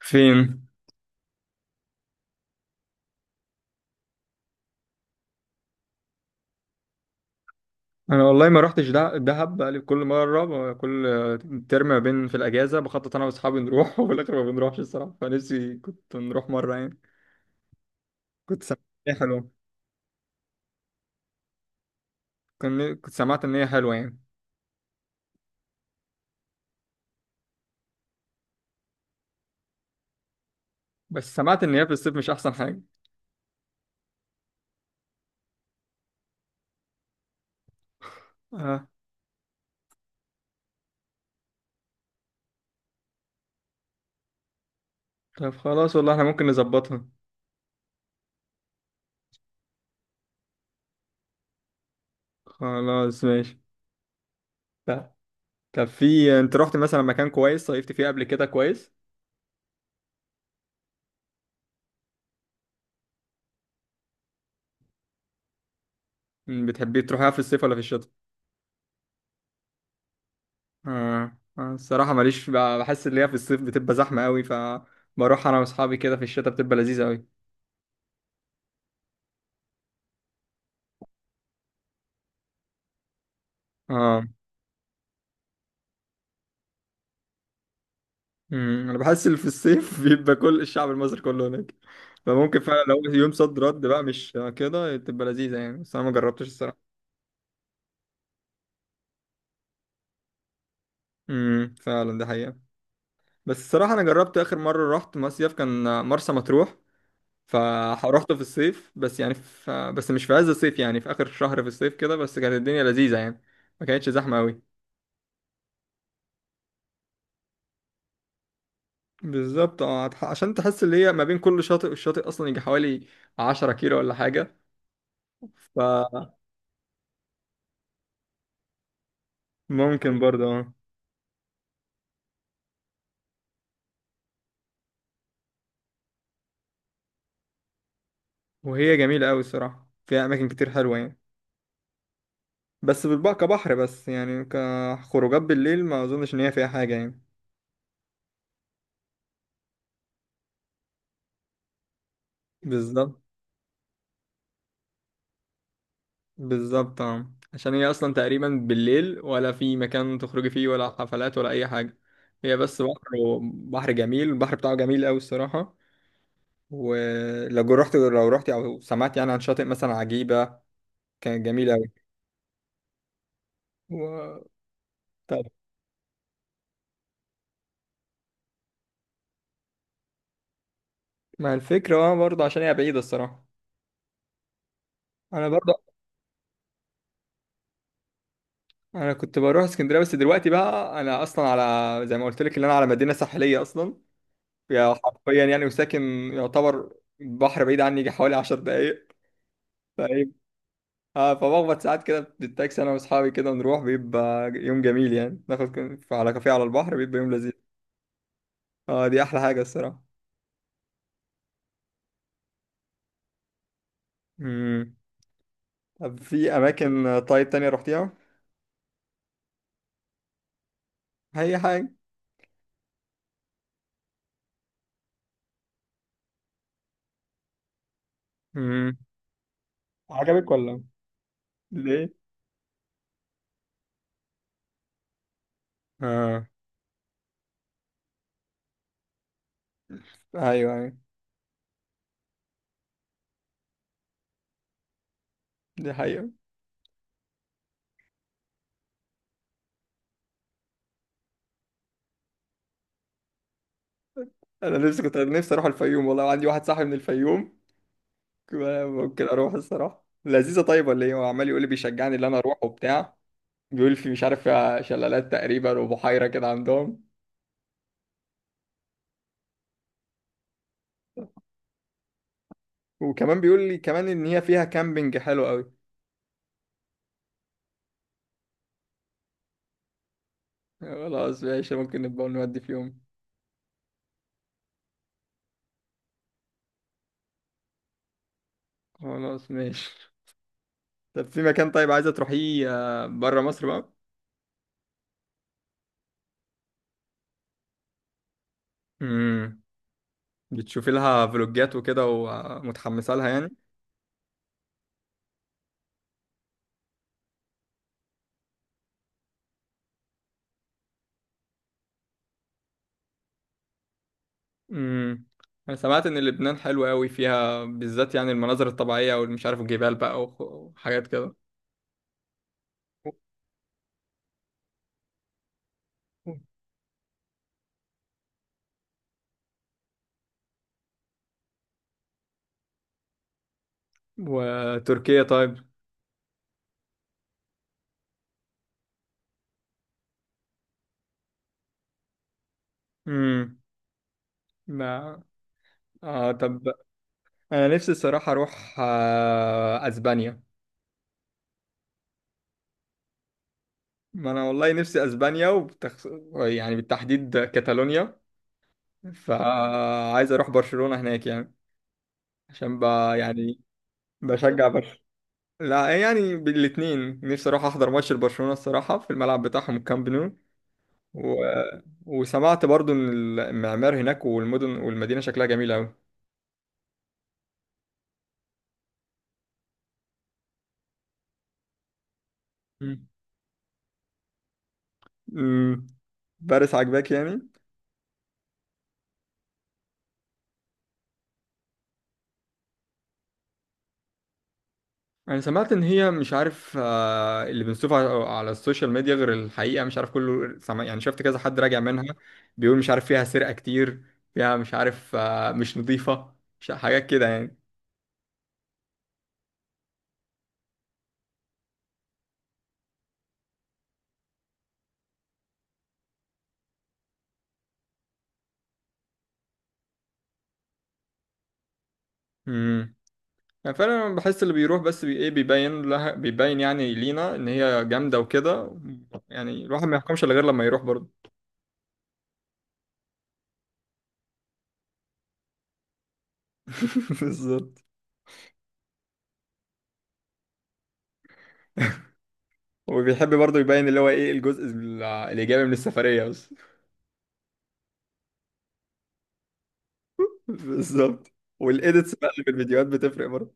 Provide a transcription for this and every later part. فين؟ انا والله ما رحتش دهب، بقالي كل مره كل ترم ما بين في الاجازه بخطط انا واصحابي نروح وفي الاخر ما بنروحش الصراحه، فنفسي كنت نروح مره يعني. كنت سمعت ان هي حلوه. كنت سمعت ان هي حلوه يعني. بس سمعت ان هي في الصيف مش احسن حاجه. اه، طب خلاص والله احنا ممكن نظبطها. خلاص ماشي. طب طب، في انت رحت مثلا مكان كويس صيفت فيه قبل كده كويس؟ بتحبي تروحها في الصيف ولا في الشتاء؟ آه. آه. الصراحة ماليش بقى، بحس ان هي في الصيف بتبقى زحمة قوي، فبروح انا واصحابي كده في الشتاء بتبقى لذيذة قوي. اه. مم. انا بحس ان في الصيف بيبقى كل الشعب المصري كله هناك، فممكن فعلا لو يوم صد رد بقى مش كده تبقى لذيذة يعني، بس انا ما جربتش الصراحة. فعلا دي حقيقة. بس الصراحة انا جربت اخر مرة رحت مصيف كان مرسى مطروح، فروحته في الصيف بس يعني في بس مش في عز الصيف، يعني في اخر شهر في الصيف كده، بس كانت الدنيا لذيذة يعني، ما كانتش زحمة قوي. بالظبط اه، عشان تحس اللي هي ما بين كل شاطئ والشاطئ اصلا يجي حوالي 10 كيلو ولا حاجه، فممكن برضه اه. وهي جميله قوي الصراحه، فيها اماكن كتير حلوه يعني، بس بالبقى كبحر بس، يعني كخروجات بالليل ما اظنش ان هي فيها حاجه يعني. بالظبط. بالظبط اه، عشان هي اصلا تقريبا بالليل ولا في مكان تخرجي فيه ولا حفلات ولا اي حاجه، هي بس بحر، بحر جميل، البحر بتاعه جميل قوي الصراحه. ولو رحت او سمعت يعني عن شاطئ مثلا عجيبه، كانت جميلة أوي. و... طب ما الفكرة بقى برضه عشان هي بعيدة الصراحة. أنا برضه. أنا كنت بروح اسكندرية بس دلوقتي بقى، أنا أصلا على زي ما قلت لك إن أنا على مدينة ساحلية أصلا، يعني حرفيا يعني، وساكن يعتبر بحر بعيد عني يجي حوالي 10 دقايق، فاهم؟ آه، فبخبط ساعات كده بالتاكسي أنا وأصحابي كده نروح، بيبقى يوم جميل يعني، ناخد على كافيه على البحر، بيبقى يوم لذيذ. أه دي أحلى حاجة الصراحة. مم. طب في أماكن طيب تانية رحتيها؟ أي حاجة. مم. عجبك ولا؟ ليه؟ اه. ايوه، ايوه، دي حقيقة. انا كنت نفسي اروح الفيوم، والله عندي واحد صاحبي من الفيوم، كده ممكن اروح الصراحة لذيذة طيب ولا ايه، هو عمال يقول لي بيشجعني ان انا اروح وبتاع. بيقول لي في مش عارف فيها شلالات تقريبا وبحيرة كده عندهم. وكمان بيقول لي كمان ان هي فيها كامبينج حلو قوي. خلاص ماشي، ممكن نبقى نودي في يوم. خلاص ماشي. طب في مكان طيب عايزة تروحيه آه، برا مصر بقى؟ امم بتشوفي لها فلوجات وكده ومتحمسة لها يعني؟ امم انا سمعت ان لبنان حلوة قوي، فيها بالذات يعني المناظر الطبيعية والمش عارف الجبال بقى وحاجات كده. وتركيا طيب؟ امم ما اه طب، انا نفسي الصراحة اروح اسبانيا. ما انا والله نفسي اسبانيا يعني بالتحديد كاتالونيا، فعايز اروح برشلونة هناك يعني. عشان ب... يعني بشجع برشلونة. لا يعني بالاتنين، نفسي اروح احضر ماتش لبرشلونة الصراحة في الملعب بتاعهم الكامب نو. وسمعت برضو ان المعمار هناك والمدن والمدينه شكلها جميل قوي. مم. مم. باريس عجباك يعني؟ انا سمعت ان هي مش عارف اللي بنشوفه على السوشيال ميديا غير الحقيقه، مش عارف كله سمع يعني، شفت كذا حد راجع منها، بيقول مش عارف فيها سرقه كتير، فيها مش عارف مش نظيفه، مش حاجات كده يعني. امم يعني فعلا أنا بحس اللي بيروح بس بي ايه بيبين لها، بيبين يعني لينا ان هي جامده وكده، يعني الواحد ما يحكمش الا غير لما يروح برضه. بالظبط. وبيحب برضه يبين اللي هو ايه الجزء الايجابي من السفريه بس بالظبط. والايديتس بقى اللي في الفيديوهات بتفرق برضه.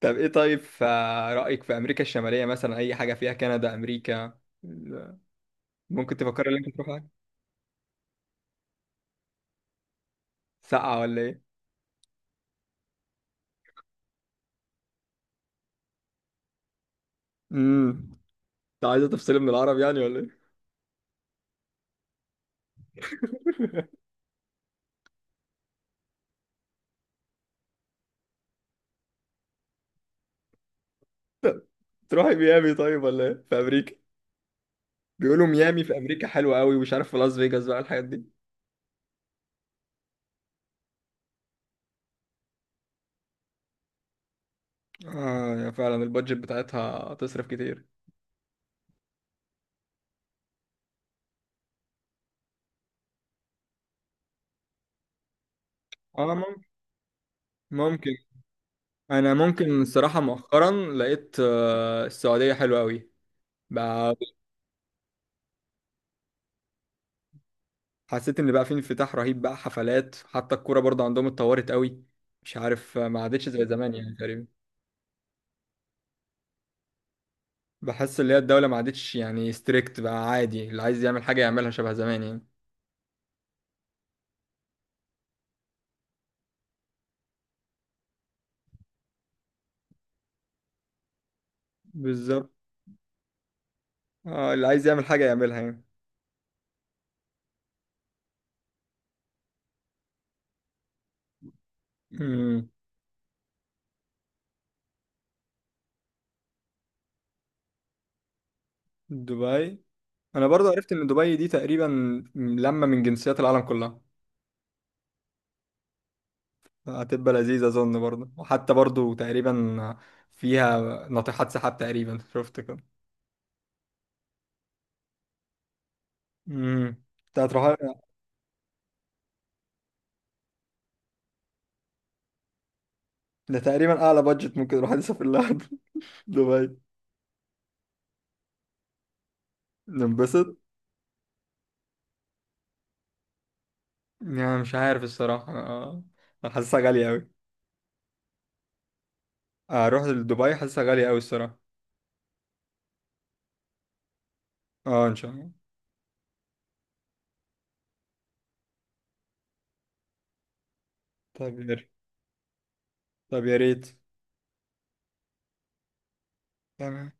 طب ايه طيب، في رايك في امريكا الشماليه مثلا، اي حاجه فيها، كندا، امريكا ممكن تفكر ان انت تروحها؟ ساقعه ولا ايه؟ امم انت عايزه تفصلي من العرب يعني ولا ايه؟ طب تروحي ميامي طيب ولا ايه في امريكا؟ بيقولوا ميامي في امريكا حلوه قوي، ومش عارف في لاس فيجاس بقى الحاجات دي. اه يا فعلا البادجت بتاعتها تصرف كتير. اه ممكن، ممكن. انا ممكن الصراحه مؤخرا لقيت السعوديه حلوه قوي بقى، حسيت ان بقى في انفتاح رهيب، بقى حفلات، حتى الكوره برضه عندهم اتطورت قوي، مش عارف ما عادتش زي زمان يعني تقريبا. بحس ان هي الدوله ما عادتش يعني ستريكت، بقى عادي اللي عايز يعمل حاجه يعملها شبه زمان يعني. بالظبط اه، اللي عايز يعمل حاجه يعملها يعني. امم دبي. انا برضه عرفت ان دبي دي تقريبا لما من جنسيات العالم كلها، هتبقى لذيذة أظن برضه، وحتى برضه تقريبا فيها ناطحات سحاب تقريبا شفت كده. امم انت هتروح. ده تقريبا أعلى بادجت ممكن الواحد يسافر لها دبي. ننبسط. يعني مش عارف الصراحة أنا، أنا حاسسها غالية أوي، أروح لدبي حاسسها غالية أوي الصراحة. أه إن شاء الله. طب يا ريت. طب يا ريت. تمام.